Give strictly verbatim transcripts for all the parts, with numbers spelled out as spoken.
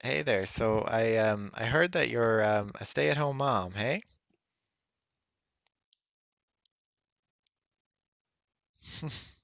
Hey there. So I um I heard that you're um, a stay-at-home mom, hey?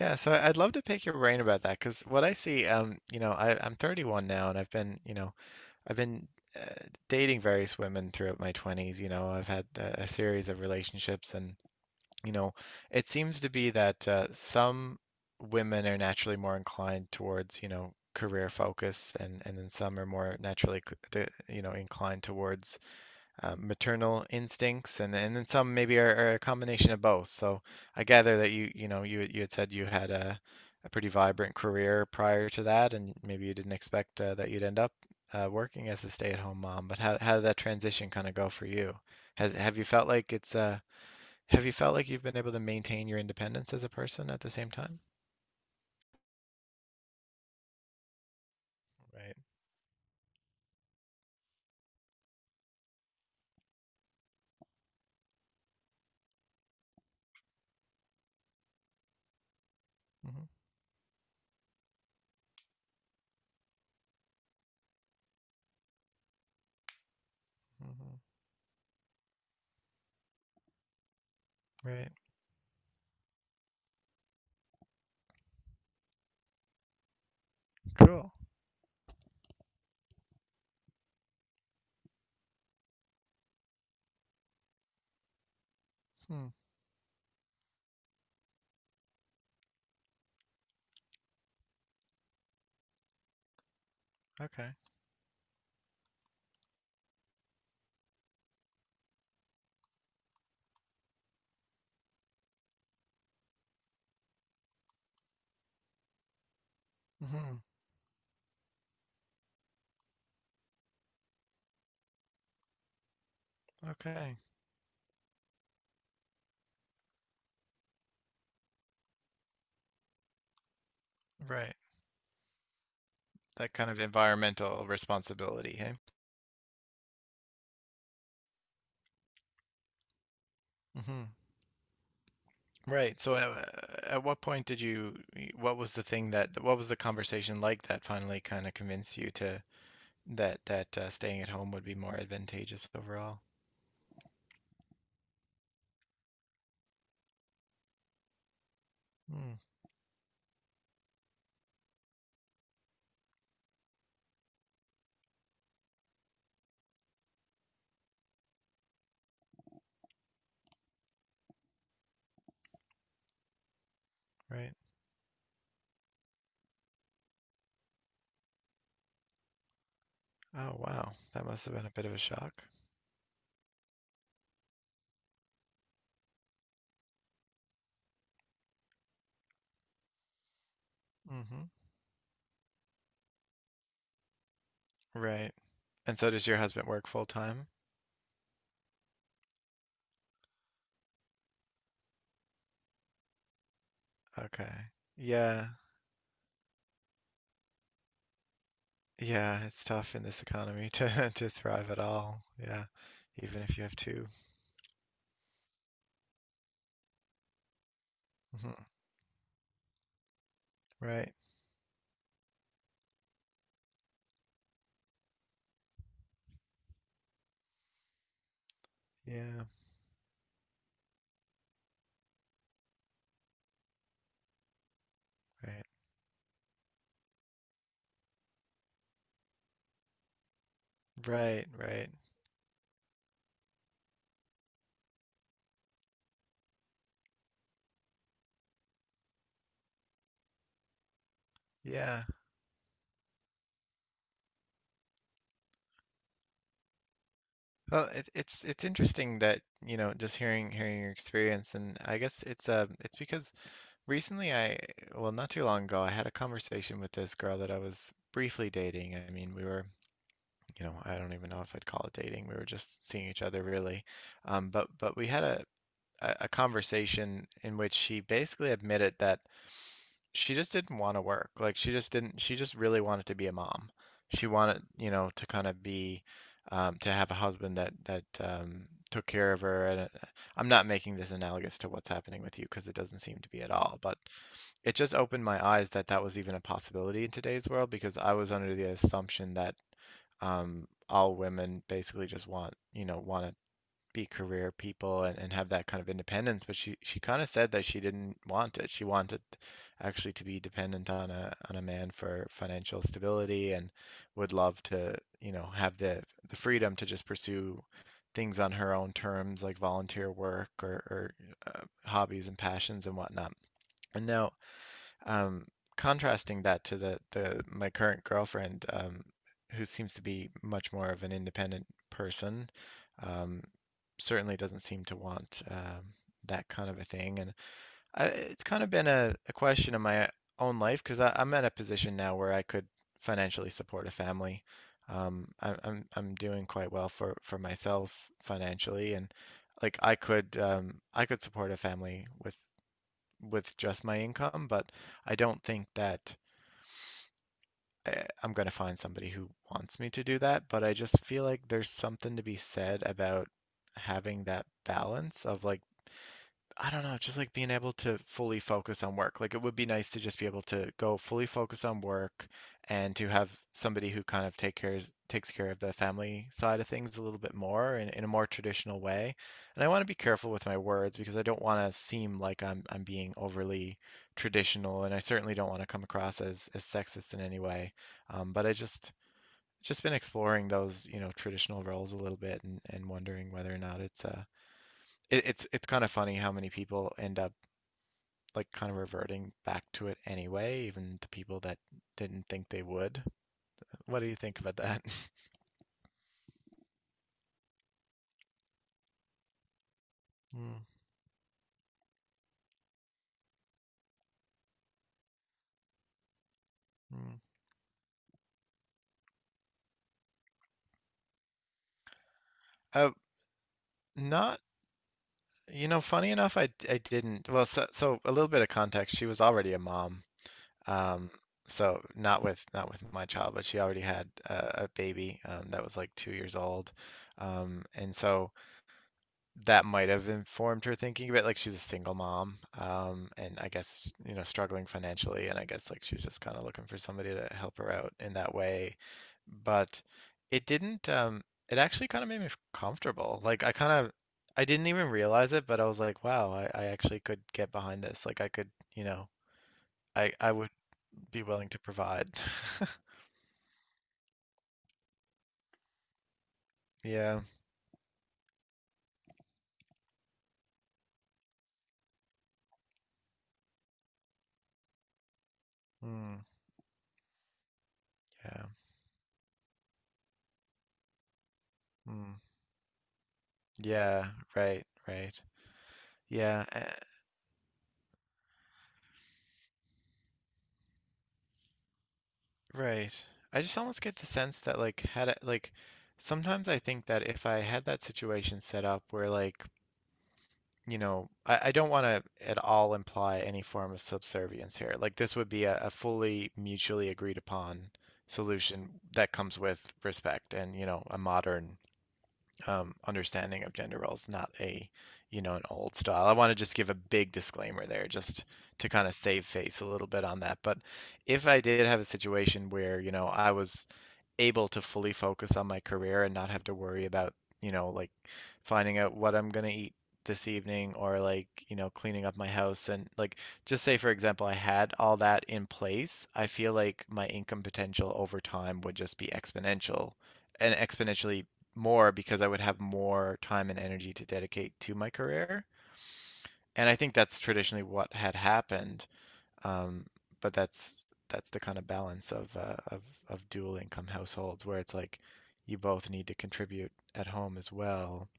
Yeah, so I- I'd love to pick your brain about that because what I see, um, you know, I, I'm thirty-one now and I've been, you know, I've been uh, dating various women throughout my twenties. You know, I've had uh, a series of relationships and, you know, it seems to be that uh, some women are naturally more inclined towards, you know, career focus and, and then some are more naturally, c- the- you know, inclined towards uh, maternal instincts, and and then some maybe are, are a combination of both. So I gather that you you know you you had said you had a a pretty vibrant career prior to that, and maybe you didn't expect uh, that you'd end up uh, working as a stay-at-home mom. But how how did that transition kind of go for you? Has have you felt like it's uh have you felt like you've been able to maintain your independence as a person at the same time? Right. Hmm. Hmm. Right. Cool. Hmm. Okay. Hmm. Okay. Right. That kind of environmental responsibility, hey? Hmm. Right. So, uh, at what point did you? What was the thing that? What was the conversation like that finally kind of convinced you to that that uh, staying at home would be more advantageous overall? Mm, right. Oh, wow. That must have been a bit of a shock. Hmm. Right. And so does your husband work full time? Okay. Yeah. Yeah, it's tough in this economy to to thrive at all. Yeah. Even if you have two. Hmm. Right. Yeah. Right. Right. Right. Yeah. Well, it, it's it's interesting that you know just hearing hearing your experience, and I guess it's uh it's because recently I well not too long ago I had a conversation with this girl that I was briefly dating. I mean we were you know I don't even know if I'd call it dating. We were just seeing each other really, um, but but we had a a a conversation in which she basically admitted that she just didn't want to work. Like she just didn't, she just really wanted to be a mom. She wanted, you know, to kind of be, um, to have a husband that that um, took care of her. And it, I'm not making this analogous to what's happening with you because it doesn't seem to be at all. But it just opened my eyes that that was even a possibility in today's world because I was under the assumption that um, all women basically just want, you know, want to be career people and, and have that kind of independence, but she she kind of said that she didn't want it. She wanted actually to be dependent on a on a man for financial stability and would love to, you know, have the the freedom to just pursue things on her own terms, like volunteer work or, or uh, hobbies and passions and whatnot. And now um, contrasting that to the the my current girlfriend, um, who seems to be much more of an independent person, um, certainly doesn't seem to want um, that kind of a thing. And I, it's kind of been a, a question in my own life because I'm at a position now where I could financially support a family. Um, I'm I'm I'm doing quite well for for myself financially, and like I could um, I could support a family with with just my income, but I don't think that I, I'm going to find somebody who wants me to do that. But I just feel like there's something to be said about having that balance of like, I don't know, just like being able to fully focus on work. Like it would be nice to just be able to go fully focus on work and to have somebody who kind of take cares takes care of the family side of things a little bit more in, in a more traditional way. And I want to be careful with my words because I don't want to seem like I'm I'm being overly traditional and I certainly don't want to come across as as sexist in any way. Um, but I just just been exploring those, you know, traditional roles a little bit and, and wondering whether or not it's uh it, it's it's kind of funny how many people end up like kind of reverting back to it anyway, even the people that didn't think they would. What do you think about that? Mm, mm. Uh, not, you know, funny enough, I I didn't. Well, so so a little bit of context. She was already a mom. Um, so not with not with my child, but she already had a, a baby um, that was like two years old. Um, and so that might have informed her thinking of it. Like she's a single mom, um, and I guess, you know, struggling financially, and I guess like she was just kind of looking for somebody to help her out in that way. But it didn't, um, it actually kind of made me f- comfortable. Like I kind of, I didn't even realize it, but I was like, wow, I, I actually could get behind this. Like I could, you know, I, I would be willing to provide. Yeah. Mm, yeah. Mm, yeah. Right. Right. Yeah. Right. I just almost get the sense that like had I, like sometimes I think that if I had that situation set up where like, you know, I, I don't want to at all imply any form of subservience here. Like this would be a, a fully mutually agreed upon solution that comes with respect and, you know, a modern um, understanding of gender roles, not a, you know, an old style. I want to just give a big disclaimer there just to kind of save face a little bit on that. But if I did have a situation where, you know, I was able to fully focus on my career and not have to worry about, you know, like finding out what I'm gonna eat this evening or like, you know, cleaning up my house and like just say for example I had all that in place, I feel like my income potential over time would just be exponential and exponentially more because I would have more time and energy to dedicate to my career. And I think that's traditionally what had happened. Um, but that's that's the kind of balance of uh, of of dual income households where it's like you both need to contribute at home as well.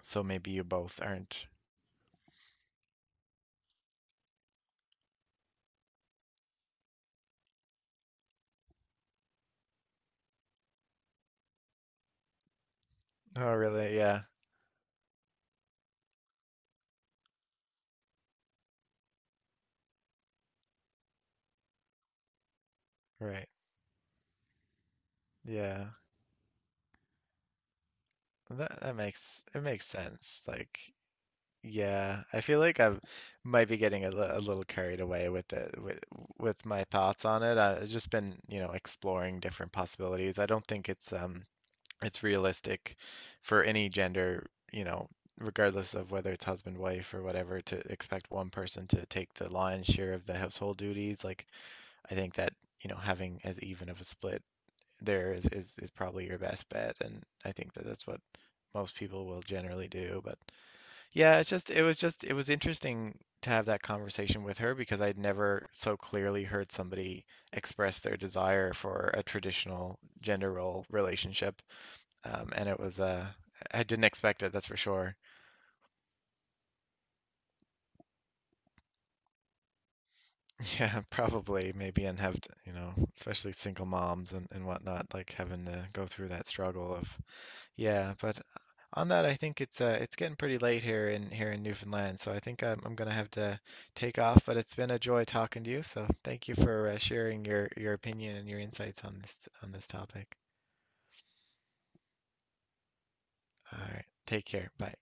So maybe you both aren't. Oh, really? Yeah. Right. Yeah. That that makes it makes sense. Like, yeah, I feel like I might be getting a, li- a little carried away with it with with my thoughts on it. I've just been, you know, exploring different possibilities. I don't think it's um it's realistic for any gender, you know, regardless of whether it's husband, wife, or whatever, to expect one person to take the lion's share of the household duties. Like, I think that, you know, having as even of a split there is, is, is probably your best bet. And I think that that's what most people will generally do. But yeah, it's just, it was just, it was interesting to have that conversation with her because I'd never so clearly heard somebody express their desire for a traditional gender role relationship um, and it was uh I didn't expect it, that's for sure. Yeah, probably maybe and have to, you know, especially single moms and, and whatnot, like having to go through that struggle of yeah, but on that I think it's uh it's getting pretty late here in here in Newfoundland, so I think I'm I'm gonna have to take off, but it's been a joy talking to you, so thank you for uh, sharing your your opinion and your insights on this on this topic. All right, take care. Bye.